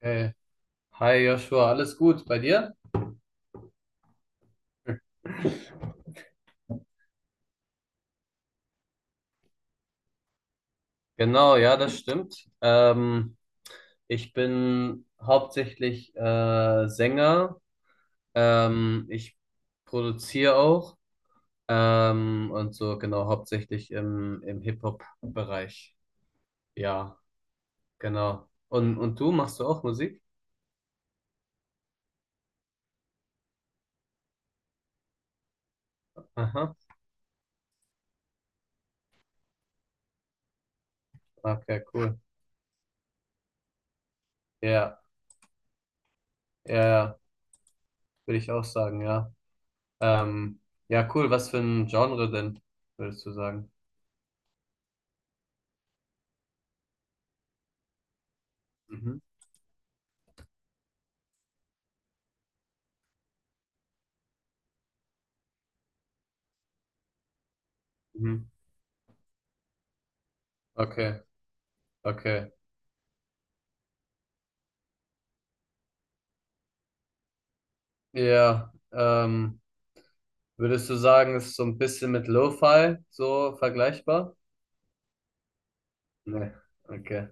Hey. Hi Joshua, alles gut bei dir? Genau, ja, das stimmt. Ich bin hauptsächlich Sänger. Ich produziere auch und so genau hauptsächlich im Hip-Hop-Bereich. Ja, genau. Und du machst du auch Musik? Aha, okay, cool. Ja, ja, ja, würde ich auch sagen, ja. Ähm, ja, cool. Was für ein Genre denn, würdest du sagen? Mhm. Mhm. Okay, okay. Ja, würdest du sagen, ist so ein bisschen mit Lo-Fi so vergleichbar? Nee, okay.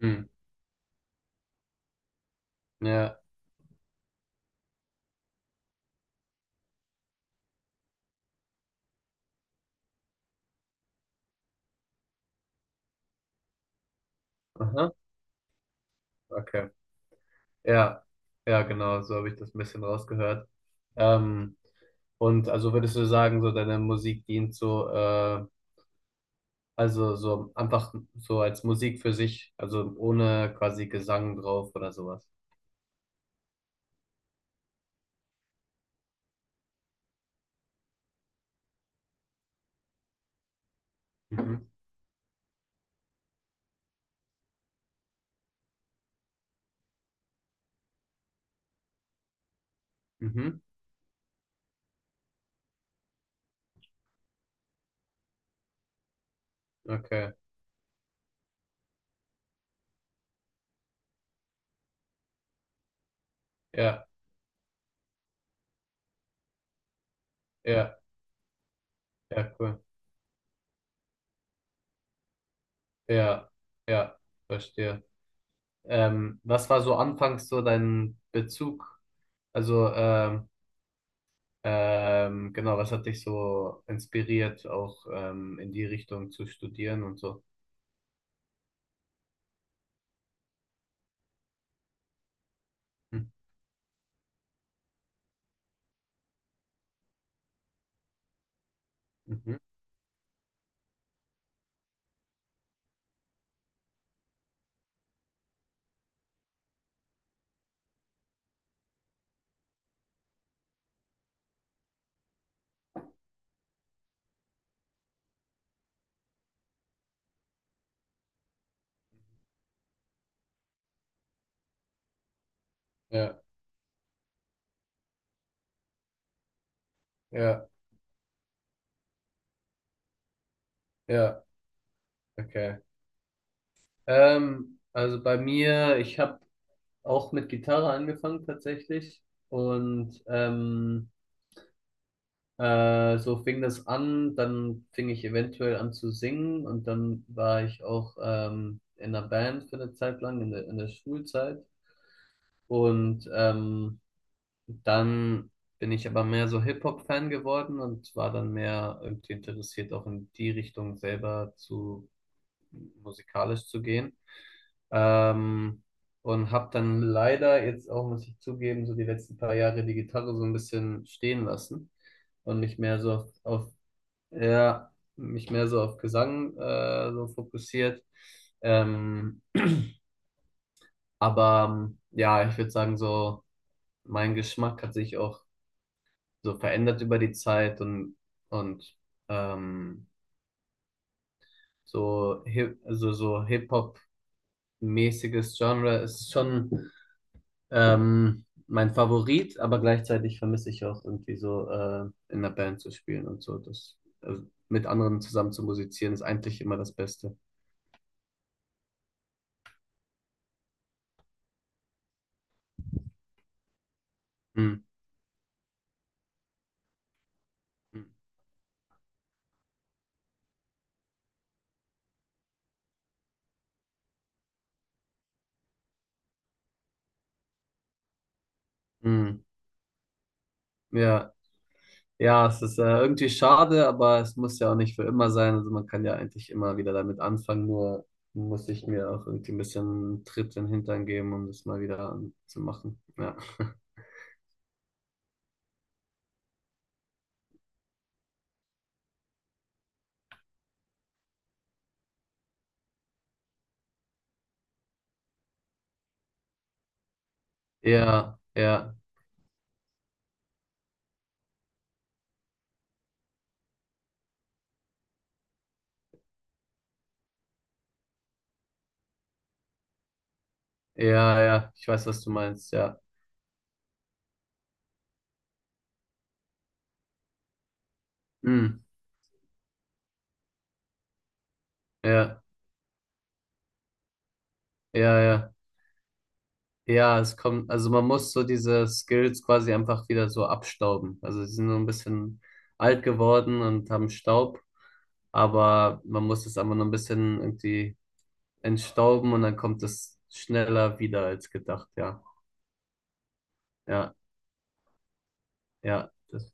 Hm. Ja, aha, okay. Ja, ja, genau, so habe ich das ein bisschen rausgehört. Ähm, und also würdest du sagen, so deine Musik dient so, also so einfach so als Musik für sich, also ohne quasi Gesang drauf oder sowas. Mhm, mhm, okay. Ja, ja, ja, cool. Ja, ja, verstehe. Was war so anfangs so dein Bezug? Also, ähm, genau, was hat dich so inspiriert, auch in die Richtung zu studieren und so? Hm. Mhm. Ja, ja, ja, okay. Also bei mir, ich habe auch mit Gitarre angefangen tatsächlich und so fing das an, dann fing ich eventuell an zu singen und dann war ich auch in einer Band für eine Zeit lang, in der Schulzeit. Und dann bin ich aber mehr so Hip-Hop-Fan geworden und war dann mehr irgendwie interessiert, auch in die Richtung selber zu musikalisch zu gehen. Ähm, und habe dann leider jetzt auch, muss ich zugeben, so die letzten paar Jahre die Gitarre so ein bisschen stehen lassen und nicht mehr so auf ja, mich mehr so auf Gesang so fokussiert. Ähm, aber ja, ich würde sagen, so mein Geschmack hat sich auch so verändert über die Zeit und ähm, so also so Hip-Hop-mäßiges Genre ist schon mein Favorit, aber gleichzeitig vermisse ich auch irgendwie so in der Band zu spielen und so. Das, also mit anderen zusammen zu musizieren ist eigentlich immer das Beste. Hm. Hm. Ja. Ja, es ist irgendwie schade, aber es muss ja auch nicht für immer sein. Also man kann ja eigentlich immer wieder damit anfangen, nur muss ich mir auch irgendwie ein bisschen einen Tritt in den Hintern geben, um das mal wieder zu machen. Ja. Ja, ja, ja, ja. Ich weiß, was du meinst, ja. Hm, ja, ja, ja. Ja, es kommt, also man muss so diese Skills quasi einfach wieder so abstauben. Also sie sind so ein bisschen alt geworden und haben Staub, aber man muss es einfach noch ein bisschen irgendwie entstauben und dann kommt es schneller wieder als gedacht, ja. Ja, ja. Das.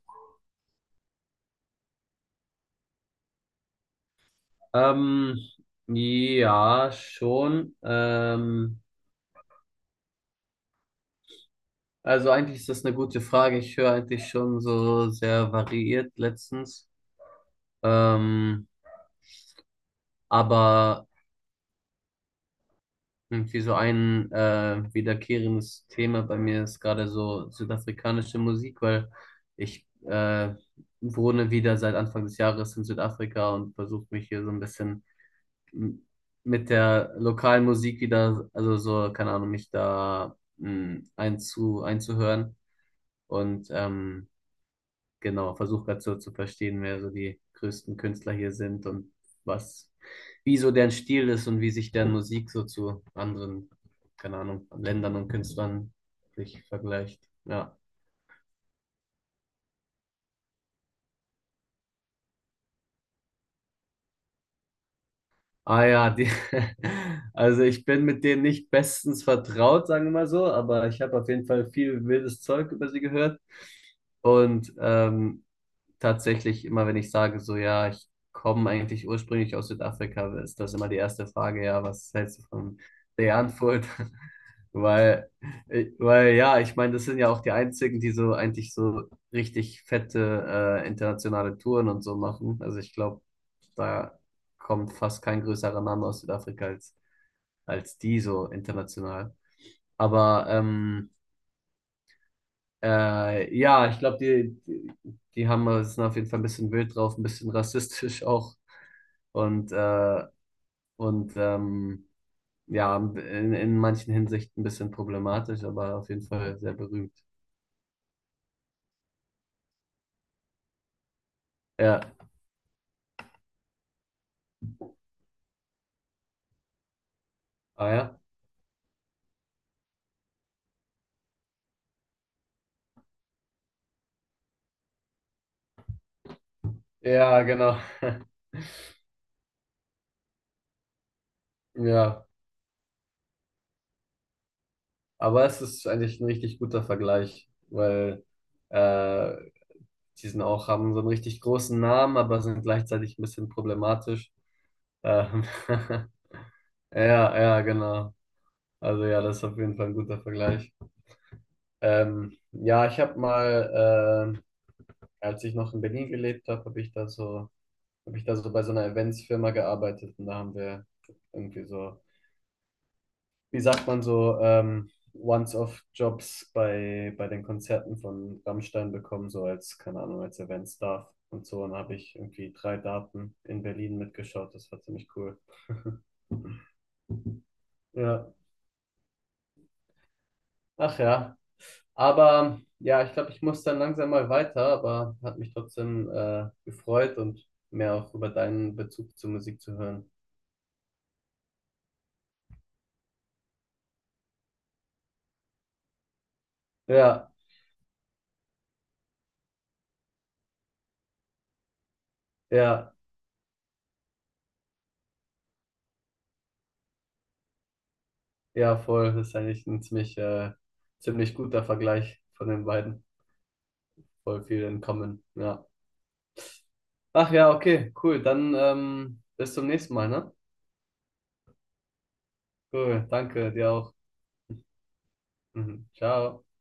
Ähm, ja, schon. Also eigentlich ist das eine gute Frage. Ich höre eigentlich schon so sehr variiert letztens. Ähm, aber irgendwie so ein wiederkehrendes Thema bei mir ist gerade so südafrikanische Musik, weil ich wohne wieder seit Anfang des Jahres in Südafrika und versuche mich hier so ein bisschen m- mit der lokalen Musik wieder, also so, keine Ahnung, mich da einzuhören und genau, versuche gerade so zu verstehen, wer so die größten Künstler hier sind und was, wie so deren Stil ist und wie sich deren Musik so zu anderen, keine Ahnung, Ländern und Künstlern sich vergleicht. Ja. Ah ja, die, also ich bin mit denen nicht bestens vertraut, sagen wir mal so, aber ich habe auf jeden Fall viel wildes Zeug über sie gehört. Und tatsächlich immer, wenn ich sage, so ja, ich komme eigentlich ursprünglich aus Südafrika, ist das immer die erste Frage, ja, was hältst du von der Antwort? Weil, weil ja, ich meine, das sind ja auch die einzigen, die so eigentlich so richtig fette internationale Touren und so machen. Also ich glaube, da kommt fast kein größerer Name aus Südafrika als, als die so international. Aber ja, ich glaube, die haben es sind auf jeden Fall ein bisschen wild drauf, ein bisschen rassistisch auch und, äh, und ja, in manchen Hinsichten ein bisschen problematisch, aber auf jeden Fall sehr berühmt. Ja, ah ja, ja, genau. Ja, aber es ist eigentlich ein richtig guter Vergleich, weil äh, die sind auch, haben so einen richtig großen Namen, aber sind gleichzeitig ein bisschen problematisch. Ähm, ja, ja, genau. Also ja, das ist auf jeden Fall ein guter Vergleich. Ja, ich habe mal, als ich noch in Berlin gelebt habe, habe ich da so, habe ich da so bei so einer Eventsfirma gearbeitet und da haben wir irgendwie so, wie sagt man so, Once-off-Jobs bei, bei den Konzerten von Rammstein bekommen, so als, keine Ahnung, als Event-Staff und so. Und da habe ich irgendwie 3 Daten in Berlin mitgeschaut. Das war ziemlich cool. Ja. Ach ja. Aber ja, ich glaube, ich muss dann langsam mal weiter, aber hat mich trotzdem gefreut und mehr auch über deinen Bezug zur Musik zu hören. Ja, ja, ja, voll. Das ist eigentlich ein ziemlich, ziemlich guter Vergleich von den beiden. Voll viel in Common, ja. Ach ja, okay, cool. Dann bis zum nächsten Mal, ne? Cool, danke dir auch. Mhm. Ciao.